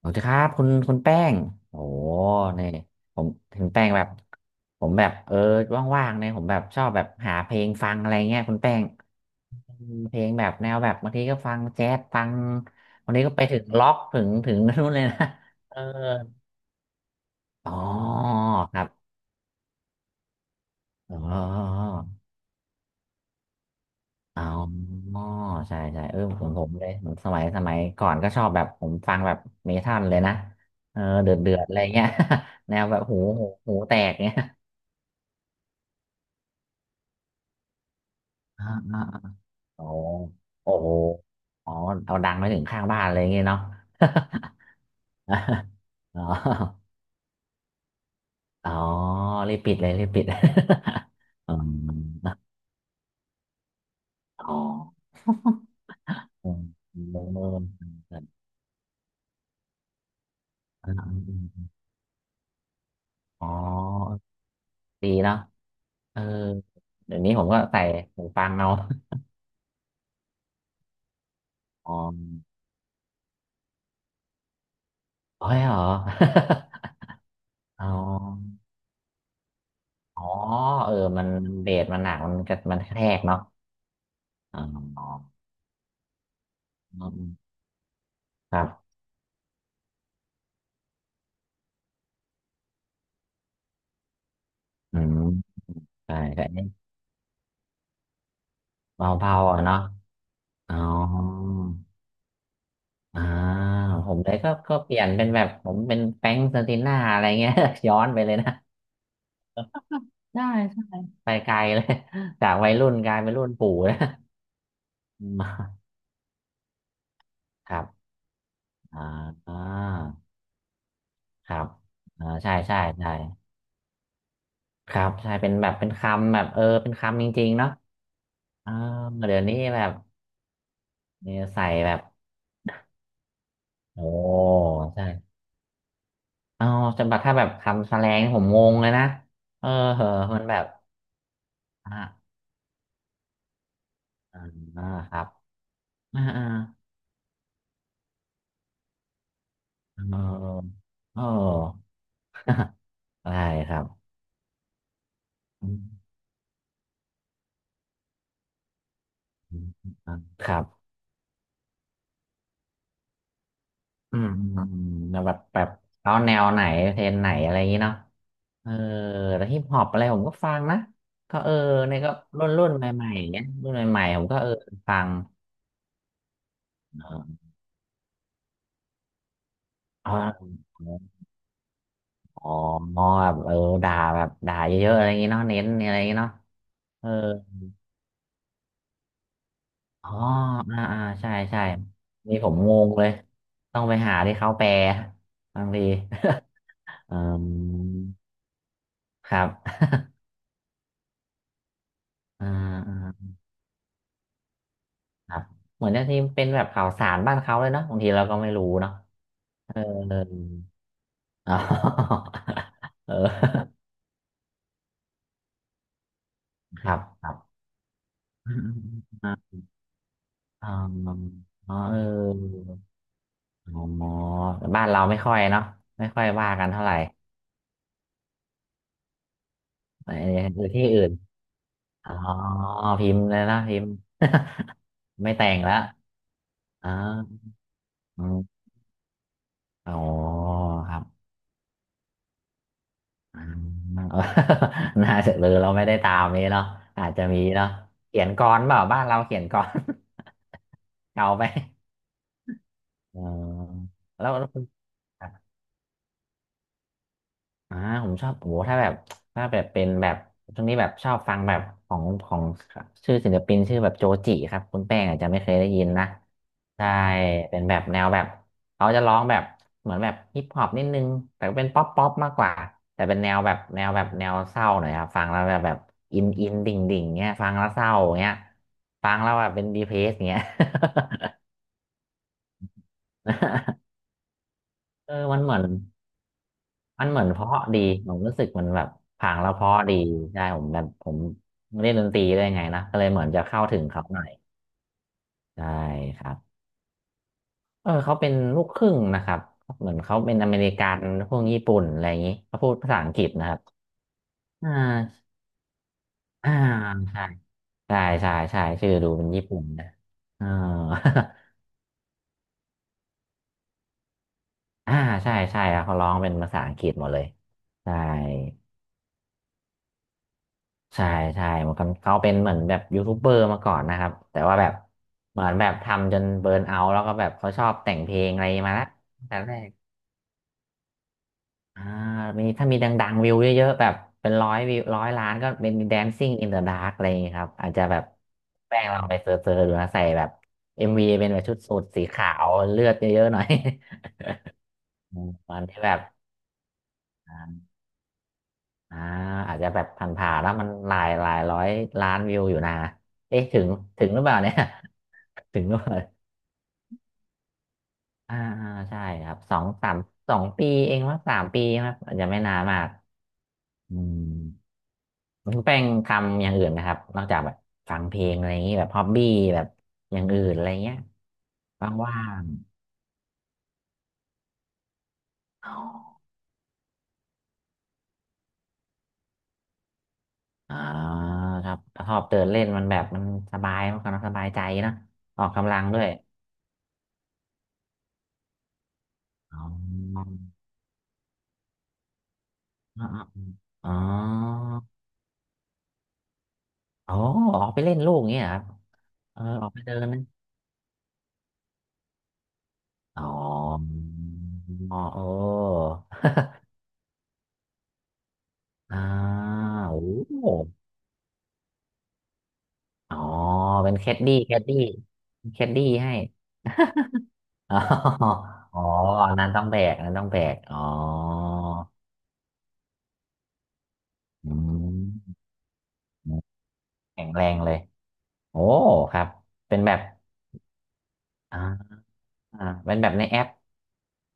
สวัสดีครับคุณแป้งโอ้โหเนี่ยผมถึงแป้งแบบผมแบบว่างๆเนี่ยผมแบบชอบแบบหาเพลงฟังอะไรเงี้ยคุณแป้งเพลงแบบแนวแบบบางทีก็ฟังแจ๊สฟังวันนี้ก็ไปถึงล็อกถึงนู่นเลยนะเอออ๋อครับอ๋ออ๋ออ๋อใช่ใช่เออผมเลยผมสมัยก่อนก็ชอบแบบผมฟังแบบเมทัลเลยนะเออเดือดอะไรเงี้ย แนวแบบหูแตกเงี้ยอ่า โอ้โอ้โหอ๋อเอาดังไปถึงข้างบ้านเลยอย่างเงี้ยเนาะ อ๋ออ๋อรีบปิดเลยรีบปิด อืมอ๋ออืมเออเออเอมอมอ๋อดีเนาะเออเดี๋ยวนี้ผมก็ใส่หูฟังเอาอ๋อเฮ้ยเหรอ อ๋อ อ๋อเออมันเบสมันหนักมันกระแทกเนาะอ๋อครับอืมใช่ใช่ เบาเบาอ่ะเนาะอ๋ออ่าผมเลยก็เปลี่ยนเป็นแบบผมเป็นแฟรงค์เซอร์ติน่าอะไรเงี้ย ย้อนไปเลยนะได้ใช่ไปไกลเลย จากวัยรุ่นกลายเป็นรุ่นปู่นะอืม ครับอ่าอ่าครับอ่าใช่ใช่ใช่ครับใช่เป็นแบบเป็นคำแบบเออเป็นคำจริงๆเนาะเออเดี๋ยวนี้แบบเนี่ยใส่แบบโอ้ใช่เอาจะแบบถ้าแบบคำแสลงผมงงเลยนะเออเหอะมันแบบอ่ะ อ่าครับอ่าอ่าเออเออ ได้ครับอืมอืมอืมครับอืมอืมอืมแล้วแบบเอาแนวไหนเพลงไหนอะไรอย่างงี้เนาะเออแล้วฮิปฮอปอะไรผมก็ฟังนะก็เออเนี่ยก็รุ่นใหม่ๆอย่างเงี้ยรุ่นใหม่ๆผมก็เออฟังเอออ๋ออ๋อแบบเออด่าแบบด่าเยอะๆอะไรอย่างงี้เนาะเน้นอะไรอย่างงี้เนาะเออ อ๋ออ่าอ่าใช่ใช่นี่ผมงงเลย ต้องไปหาที่เขาแปลบางที อืมครับอ่าอ่าครับ เหมือนจะที่เป็นแบบข่าวสารบ้านเขาเลยเนาะบางทีเราก็ไม่รู้เนาะเอออ๋อ เออครับครับอืออ๋อเอออ๋อแต่บ้านเราไม่ค่อยเนาะไม่ค่อยว่ากันเท่าไหร่แต่ที่อื่น อ๋อพิมพ์เลยนะพิมพ์ ไม่แต่งละอ๋ออืมอ๋อครับอืมเออ น่าจะเลยเราไม่ได้ตามนี้เนาะอาจจะมีเนาะเขียนกลอนเปล่าบ้านเราเขียนกลอน เก่าไปอ๋อแล้วคุณ อ่าผมชอบโอ้โหถ้าแบบถ้าแบบเป็นแบบช่วงนี้แบบชอบฟังแบบของชื่อศิลปินชื่อแบบโจจิครับคุณแป้งอาจจะไม่เคยได้ยินนะใช่เป็นแบบแนวแบบเขาจะร้องแบบเหมือนแบบฮิปฮอปนิดนึงแต่ก็เป็นป๊อปป๊อปมากกว่าแต่เป็นแนวแบบแนวแบบแนวเศร้าหน่อยครับฟังแล้วแบบอินอินดิ่งดิ่งเงี้ยฟังแล้วเศร้าเงี้ยฟังแล้วแบบเป็นดีเพรสเงี้ย เออมันเหมือน มันเหมือนเพราะดีผมรู้สึกเหมันแบบผังแล้วเพราะดีใช่ผมแบบผมเล่นดนตรีได้วยไงนะก็เลยเหมือนจะเข้าถึงเขาหน่อยใช่ครับเออเขาเป็นลูกครึ่งนะครับเหมือนเขาเป็นอเมริกันพวกญี่ปุ่นอะไรอย่างนี้เขาพูดภาษาอังกฤษนะครับอ่าอ่าใช่ใช่ใช่ใช่ชื่อดูเป็นญี่ปุ่นนะอ่า อ่าใช่ใช่ครับเขาร้องเป็นภาษาอังกฤษหมดเลยใช่ ใช่ใช่เหมือนกันเขาเป็นเหมือนแบบยูทูบเบอร์มาก่อนนะครับแต่ว่าแบบเหมือนแบบทำจนเบิร์นเอาท์แล้วก็แบบเขาชอบแต่งเพลงอะไรมาละตั้งแต่แรกอ่ามีถ้ามีดังๆวิวเยอะๆแบบเป็นร้อยวิวร้อยล้านก็เป็น Dancing in the Dark อะไรอย่างเงี้ยครับอาจจะแบบแป้งลองไปเซิร์ชๆดูนะใส่แบบเอ็มวีเป็นแบบชุดสูทสีขาวเลือดเยอะๆหน่อย อืมตอนที่แบบอ่าอ่าอาจจะแบบผ่านๆแล้วมันหลายหลายร้อยล้านวิวอยู่นะเอ๊ะถึงหรือเปล่าเนี่ย ถึงนดอ่าอ่าใช่ครับสองสามสองปีเองว่าสามปีครับอาจจะไม่นานมากอืมคุณแป้งทำอย่างอื่นนะครับนอกจากแบบฟังเพลงอะไรอย่างนี้แบบฮอบบี้แบบอย่างอื่นอะไรเงี้ยว่างอ๋อๆอ่าครับชอบเดินเล่นมันแบบมันสบายมันก็สบายใจนะออกกำลังด้วยอ๋ออ๋ออ๋ออ๋ออ๋อออกไปเล่นลูกอย่างเงี้ยเหรอครับเออออกไปเดิน อ๋ออ๋อเอออ่าโอ้โหอ๋อเป็นแคดดี้แคดดี้แคดดี้ให้ อ๋ออ๋ออันนั้นต้องแบกอันนั้นต้องแบกอ๋ออืมแข็งแรงเลยโอ้ครับเป็นแบบอ่าอ่าเป็นแบบในแอป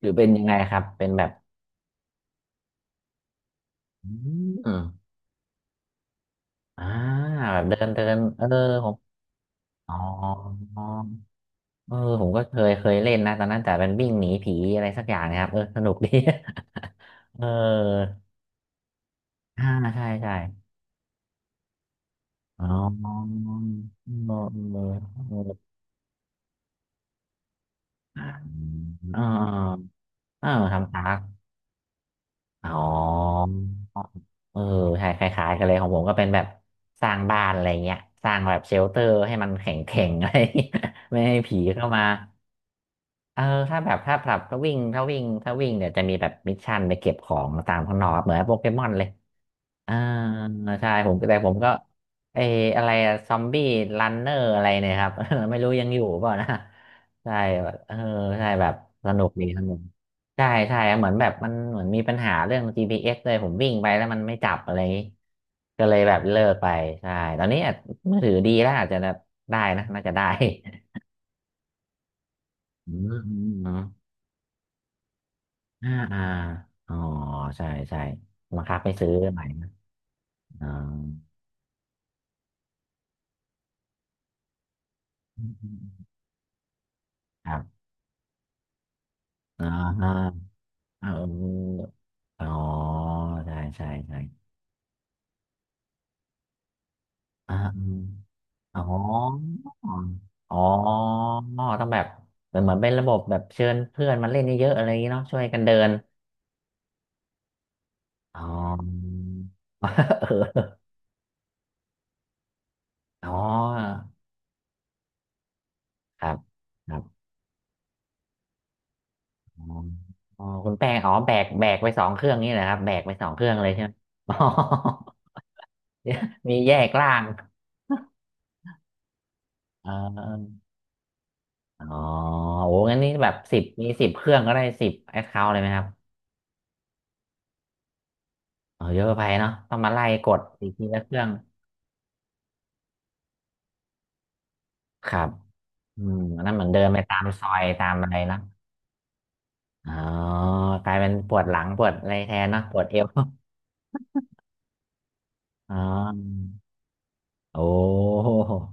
หรือเป็นยังไงครับเป็นแบบอืมอ่าแบบเดินเดินเออผมอ๋อ เออผมก็เคยเล่นนะตอนนั้นแต่เป็นวิ่งหนีผีอะไรสักอย่างนะครับเออสนุกดี เอออ่าใช่ใช่อ๋อเออเออเออเออเออทำตากอ๋อเออใช่คล้ายๆกันเลยของผมก็เป็นแบบสร้างบ้านอะไรเงี้ยสร้างแบบเชลเตอร์ให้มันแข็งแข็งอะไรเงี้ย ไม่ให้ผีเข้ามาเออถ้าแบบถ้าแบบถ้าวิ่งเดี๋ยวจะมีแบบมิชชั่นไปเก็บของตามข้างนอกครับเหมือนโปเกมอนเลย อ่าใช่ผมก็แต่ผมก็เอออะไรซอมบี้รันเนอร์อะไรเนี่ยครับ ไม่รู้ยังอยู่เปล่านะใช่แบบเออใช่แบบสนุกดีสนุกใช่ใช่เหมือนแบบเหมือนมีปัญหาเรื่อง GPS เอสเลยผมวิ่งไปแล้วมันไม่จับอะไรอย่างงี้ก็เลยแบบเลิกไปใช่ตอนนี้อาจมือถือดีแล้วอาจจะได้นะน่าจะได้อืมอ่าอ๋อใช่ใช่บังคับไปซื้อใหม่นะอ๋ออืมครับอ๋อ เอออ๋อใช่อ่าอมอ๋ออ๋อต้องแบบเหมือนเป็นระบบแบบเชิญเพื่อนมาเล่นเยอะๆอะไรอย่างนี้เนาะช่วยกันเดินอ๋อ เอออ๋อครับครับอ๋ออ๋อคุณแป้งอ๋อแบกไปสองเครื่องนี่แหละครับแบกไปสองเครื่องเลยใช่ไหม อ๋อมีแยกล่าง อ่าอ๋อโอ้งั้นนี่แบบสิบมีสิบเครื่องก็ได้สิบแอคเคาท์เลยไหมครับ อออเยอะไปเนาะต้องมาไล่กดอีกทีละเครื่องครับอืมอันนั้นเหมือนเดินไปตามซอยตามอะไรนะอ๋อกลายเป็นปวดหลังปวดอะไรแทนเนอะปวดเอว อ๋อโอ้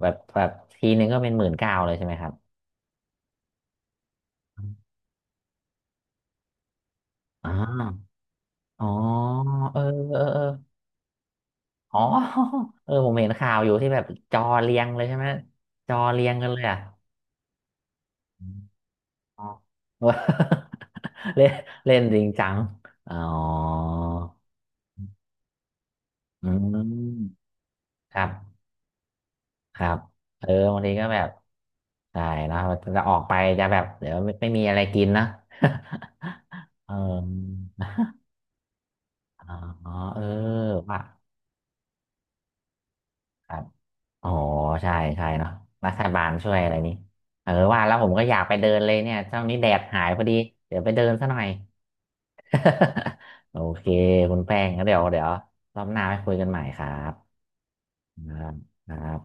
แบบทีนึงก็เป็นหมื่นเก้าเลยใช่ไหมครับอ๋ออ๋อเออเอออ๋อ เออผมเห็นข่าวอยู่ที่แบบจอเรียงเลยใช่ไหมจอเรียงกันเลยอ่ะอมอ๋อ เล่นเล่นจริงจังอ๋อ อืม ครับครับเออบางทีก็แบบ ใช่เนอะจะออกไปจะแบบเดี๋ยวไม่มีอะไรกินนะ เอออ๋อเออว่าครับอ๋อใช่ใช่เนาะรัฐบาลช่วยอะไรนี้เออ ว่าแล้วผมก็อยากไปเดินเลยเนี่ยช่วงนี้แดดหายพอดี เดี๋ยวไปเดินซะหน่อย โอเค คุณแป้งงั้นเดี๋ยวรอบหน้าไปคุยกันใหม่ครับครับครับ